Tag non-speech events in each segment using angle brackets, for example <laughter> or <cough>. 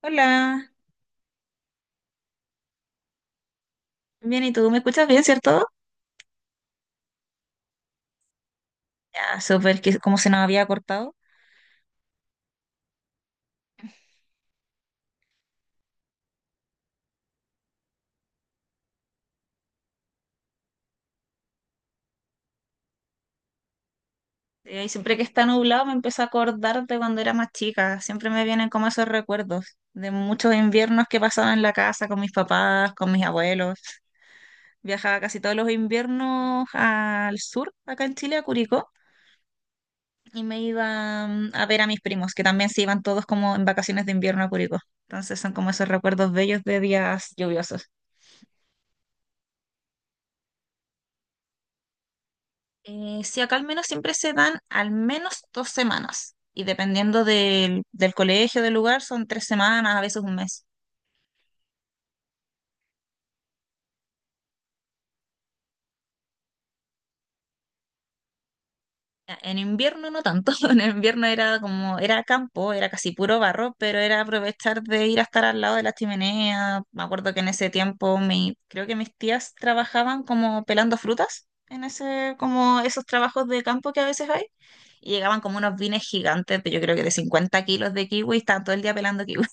Hola, bien, ¿y tú? ¿Me escuchas bien, cierto? Ya, súper, que como se nos había cortado. Y siempre que está nublado me empiezo a acordar de cuando era más chica. Siempre me vienen como esos recuerdos de muchos inviernos que pasaba en la casa con mis papás, con mis abuelos. Viajaba casi todos los inviernos al sur, acá en Chile, a Curicó, y me iba a ver a mis primos, que también se iban todos como en vacaciones de invierno a Curicó. Entonces son como esos recuerdos bellos de días lluviosos. Sí, acá al menos siempre se dan al menos 2 semanas y dependiendo del colegio, del lugar, son 3 semanas, a veces un mes. En invierno no tanto, <laughs> en invierno era como, era campo, era casi puro barro, pero era aprovechar de ir a estar al lado de la chimenea. Me acuerdo que en ese tiempo mi, creo que mis tías trabajaban como pelando frutas, en ese, como esos trabajos de campo que a veces hay, y llegaban como unos vines gigantes, yo creo que de 50 kilos de kiwi, y estaban todo el día pelando kiwi.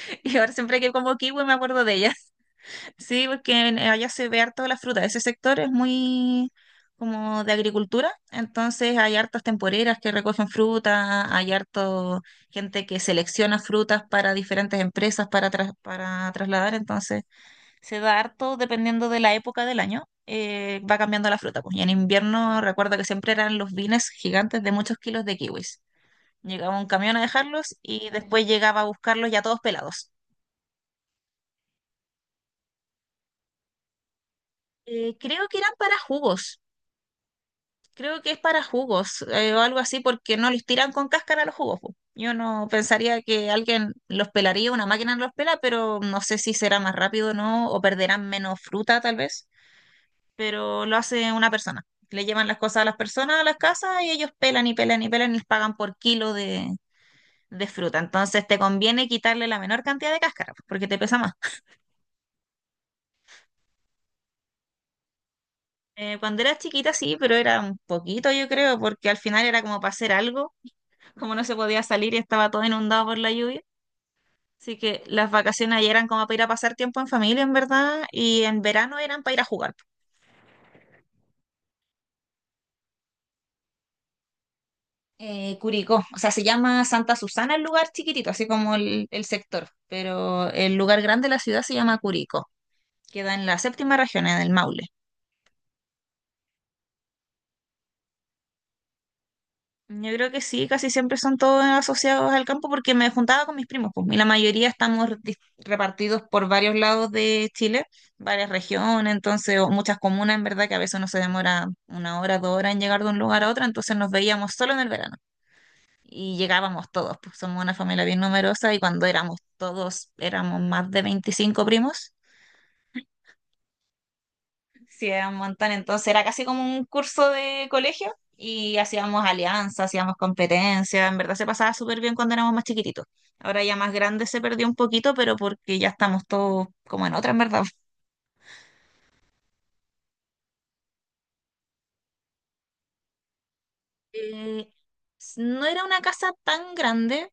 <laughs> Y ahora siempre que como kiwi me acuerdo de ella. <laughs> Sí, porque allá se ve harto la fruta. Ese sector es muy como de agricultura, entonces hay hartas temporeras que recogen fruta, hay harto gente que selecciona frutas para diferentes empresas para, para trasladar, entonces se da harto dependiendo de la época del año. Va cambiando la fruta, pues. Y en invierno recuerdo que siempre eran los vines gigantes de muchos kilos de kiwis. Llegaba un camión a dejarlos y después llegaba a buscarlos ya todos pelados. Creo que eran para jugos. Creo que es para jugos o algo así, porque no les tiran con cáscara los jugos. Po. Yo no pensaría que alguien los pelaría, una máquina los pela, pero no sé si será más rápido o no, o perderán menos fruta tal vez. Pero lo hace una persona. Le llevan las cosas a las personas a las casas y ellos pelan y pelan y pelan y les pagan por kilo de fruta. Entonces te conviene quitarle la menor cantidad de cáscara, po, porque te pesa más. Cuando era chiquita sí, pero era un poquito, yo creo, porque al final era como para hacer algo como no se podía salir y estaba todo inundado por la lluvia. Así que las vacaciones ahí eran como para ir a pasar tiempo en familia, en verdad, y en verano eran para ir a jugar. Curicó, o sea, se llama Santa Susana el lugar chiquitito, así como el sector, pero el lugar grande de la ciudad se llama Curicó, queda en la séptima región, en el Maule. Yo creo que sí, casi siempre son todos asociados al campo porque me juntaba con mis primos, pues, y la mayoría estamos repartidos por varios lados de Chile, varias regiones, entonces, o muchas comunas, en verdad, que a veces uno se demora una hora, 2 horas en llegar de un lugar a otro, entonces nos veíamos solo en el verano y llegábamos todos, pues somos una familia bien numerosa y cuando éramos todos, éramos más de 25 primos. Sí, era un montón. Entonces era casi como un curso de colegio y hacíamos alianzas, hacíamos competencias. En verdad se pasaba súper bien cuando éramos más chiquititos. Ahora ya más grande se perdió un poquito, pero porque ya estamos todos como en otra, en verdad. Eh, no era una casa tan grande,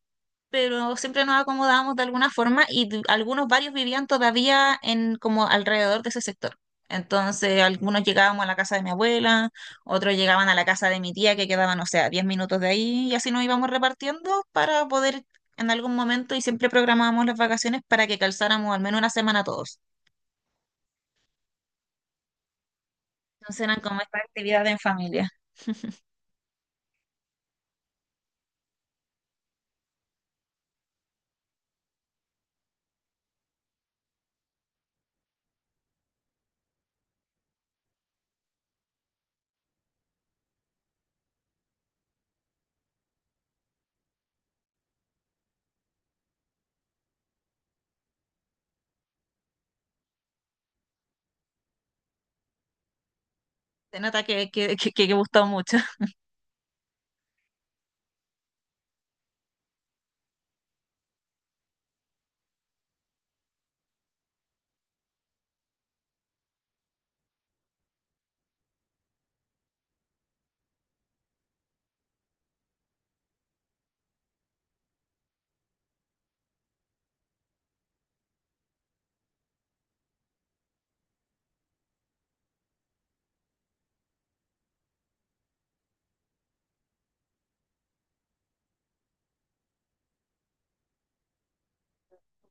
pero siempre nos acomodábamos de alguna forma y algunos varios vivían todavía en como alrededor de ese sector. Entonces, algunos llegábamos a la casa de mi abuela, otros llegaban a la casa de mi tía que quedaban, o sea, 10 minutos de ahí y así nos íbamos repartiendo para poder en algún momento y siempre programábamos las vacaciones para que calzáramos al menos una semana todos. Entonces eran como esta actividad en familia. Se nota que gustó mucho,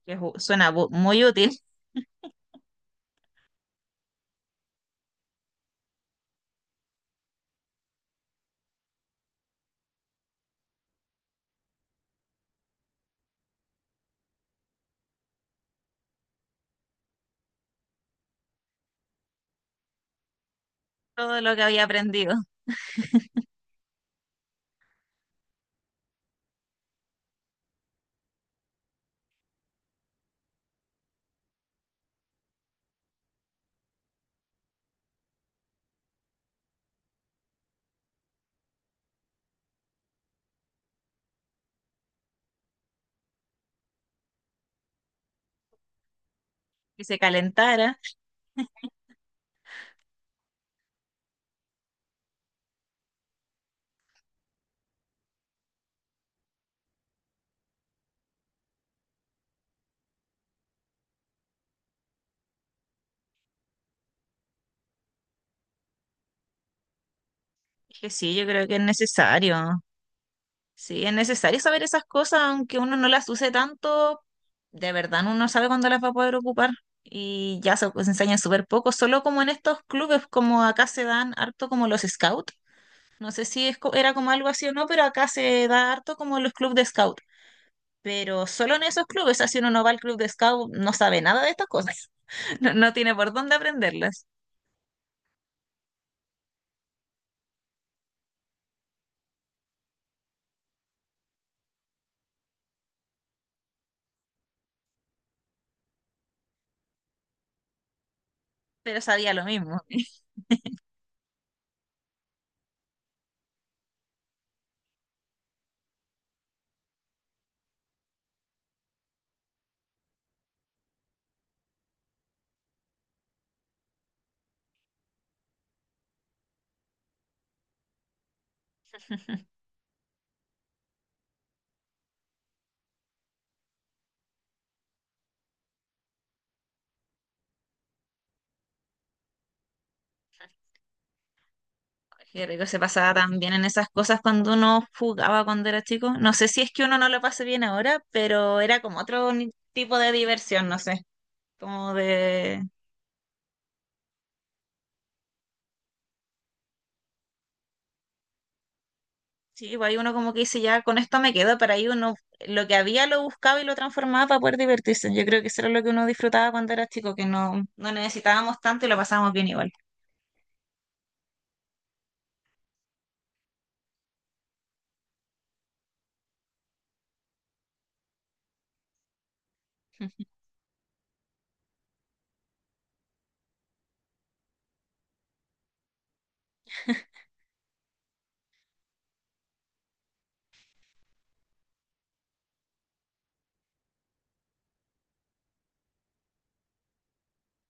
suena muy útil. Todo lo que había aprendido y se calentara. Dije, sí, yo creo que es necesario. Sí, es necesario saber esas cosas, aunque uno no las use tanto, de verdad uno no sabe cuándo las va a poder ocupar. Y ya se, pues, enseñan súper poco, solo como en estos clubes, como acá se dan harto como los scouts. No sé si es era como algo así o no, pero acá se da harto como los clubes de scout. Pero solo en esos clubes, así uno no va al club de scout, no sabe nada de estas cosas. <laughs> No, no tiene por dónde aprenderlas, pero sabía lo mismo. Qué rico se pasaba tan bien en esas cosas cuando uno jugaba cuando era chico. No sé si es que uno no lo pase bien ahora, pero era como otro tipo de diversión, no sé. Como de... Sí, pues ahí uno como que dice, ya con esto me quedo, pero ahí uno lo que había lo buscaba y lo transformaba para poder divertirse. Yo creo que eso era lo que uno disfrutaba cuando era chico, que no, no necesitábamos tanto y lo pasábamos bien igual.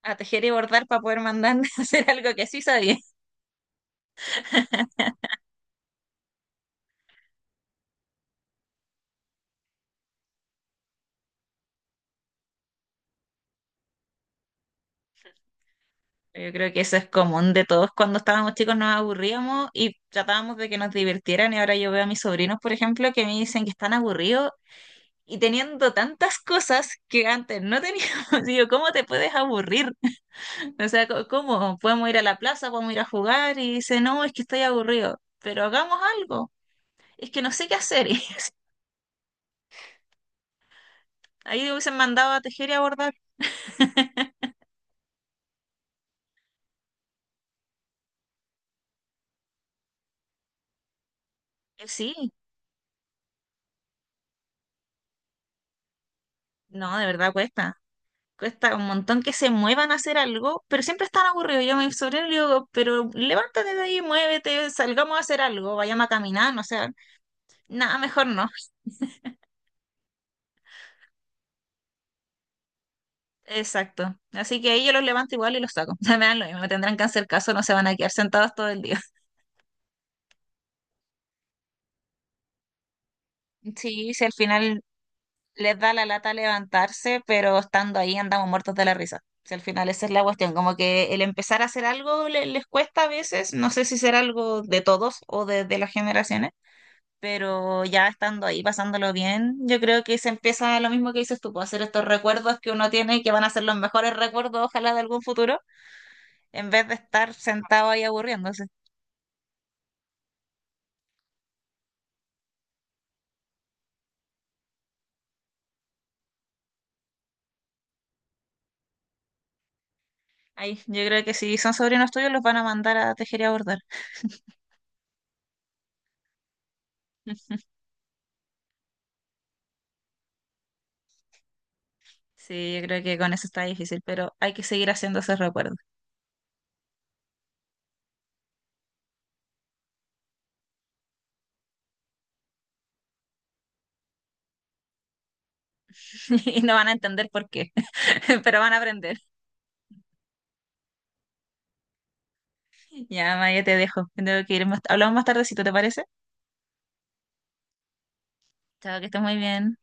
A tejer y bordar para poder mandar <laughs> a hacer algo que sí sabía. Yo creo que eso es común de todos. Cuando estábamos chicos nos aburríamos y tratábamos de que nos divirtieran. Y ahora yo veo a mis sobrinos, por ejemplo, que me dicen que están aburridos y teniendo tantas cosas que antes no teníamos. <laughs> Digo, ¿cómo te puedes aburrir? <laughs> O sea, ¿cómo? Podemos ir a la plaza, podemos ir a jugar y dice, no, es que estoy aburrido. Pero hagamos algo. Es que no sé qué hacer. <laughs> Y ahí hubiesen mandado a tejer y a bordar. Sí, no, de verdad cuesta. Cuesta un montón que se muevan a hacer algo, pero siempre están aburridos. Yo a mi sobrino le digo, pero levántate de ahí, muévete, salgamos a hacer algo, vayamos a caminar, no sé nada, mejor no. Exacto. Así que ahí yo los levanto igual y los saco. <laughs> Me dan lo mismo, me tendrán que hacer caso, no se van a quedar sentados todo el día. <laughs> Sí, si al final les da la lata levantarse, pero estando ahí andamos muertos de la risa. Si al final esa es la cuestión, como que el empezar a hacer algo les cuesta a veces, no sé si será algo de todos o de las generaciones, pero ya estando ahí, pasándolo bien, yo creo que se empieza lo mismo que dices tú, puedo hacer estos recuerdos que uno tiene y que van a ser los mejores recuerdos, ojalá de algún futuro, en vez de estar sentado ahí aburriéndose. Ahí, yo creo que si son sobrinos tuyos, los van a mandar a tejer y a bordar. Sí, yo creo que con eso está difícil, pero hay que seguir haciendo esos recuerdos. <laughs> Y no van a entender por qué, <laughs> pero van a aprender. Ya, Maya, te dejo. Tengo que ir. Hablamos más tardecito, ¿te parece? Chao, que estés muy bien.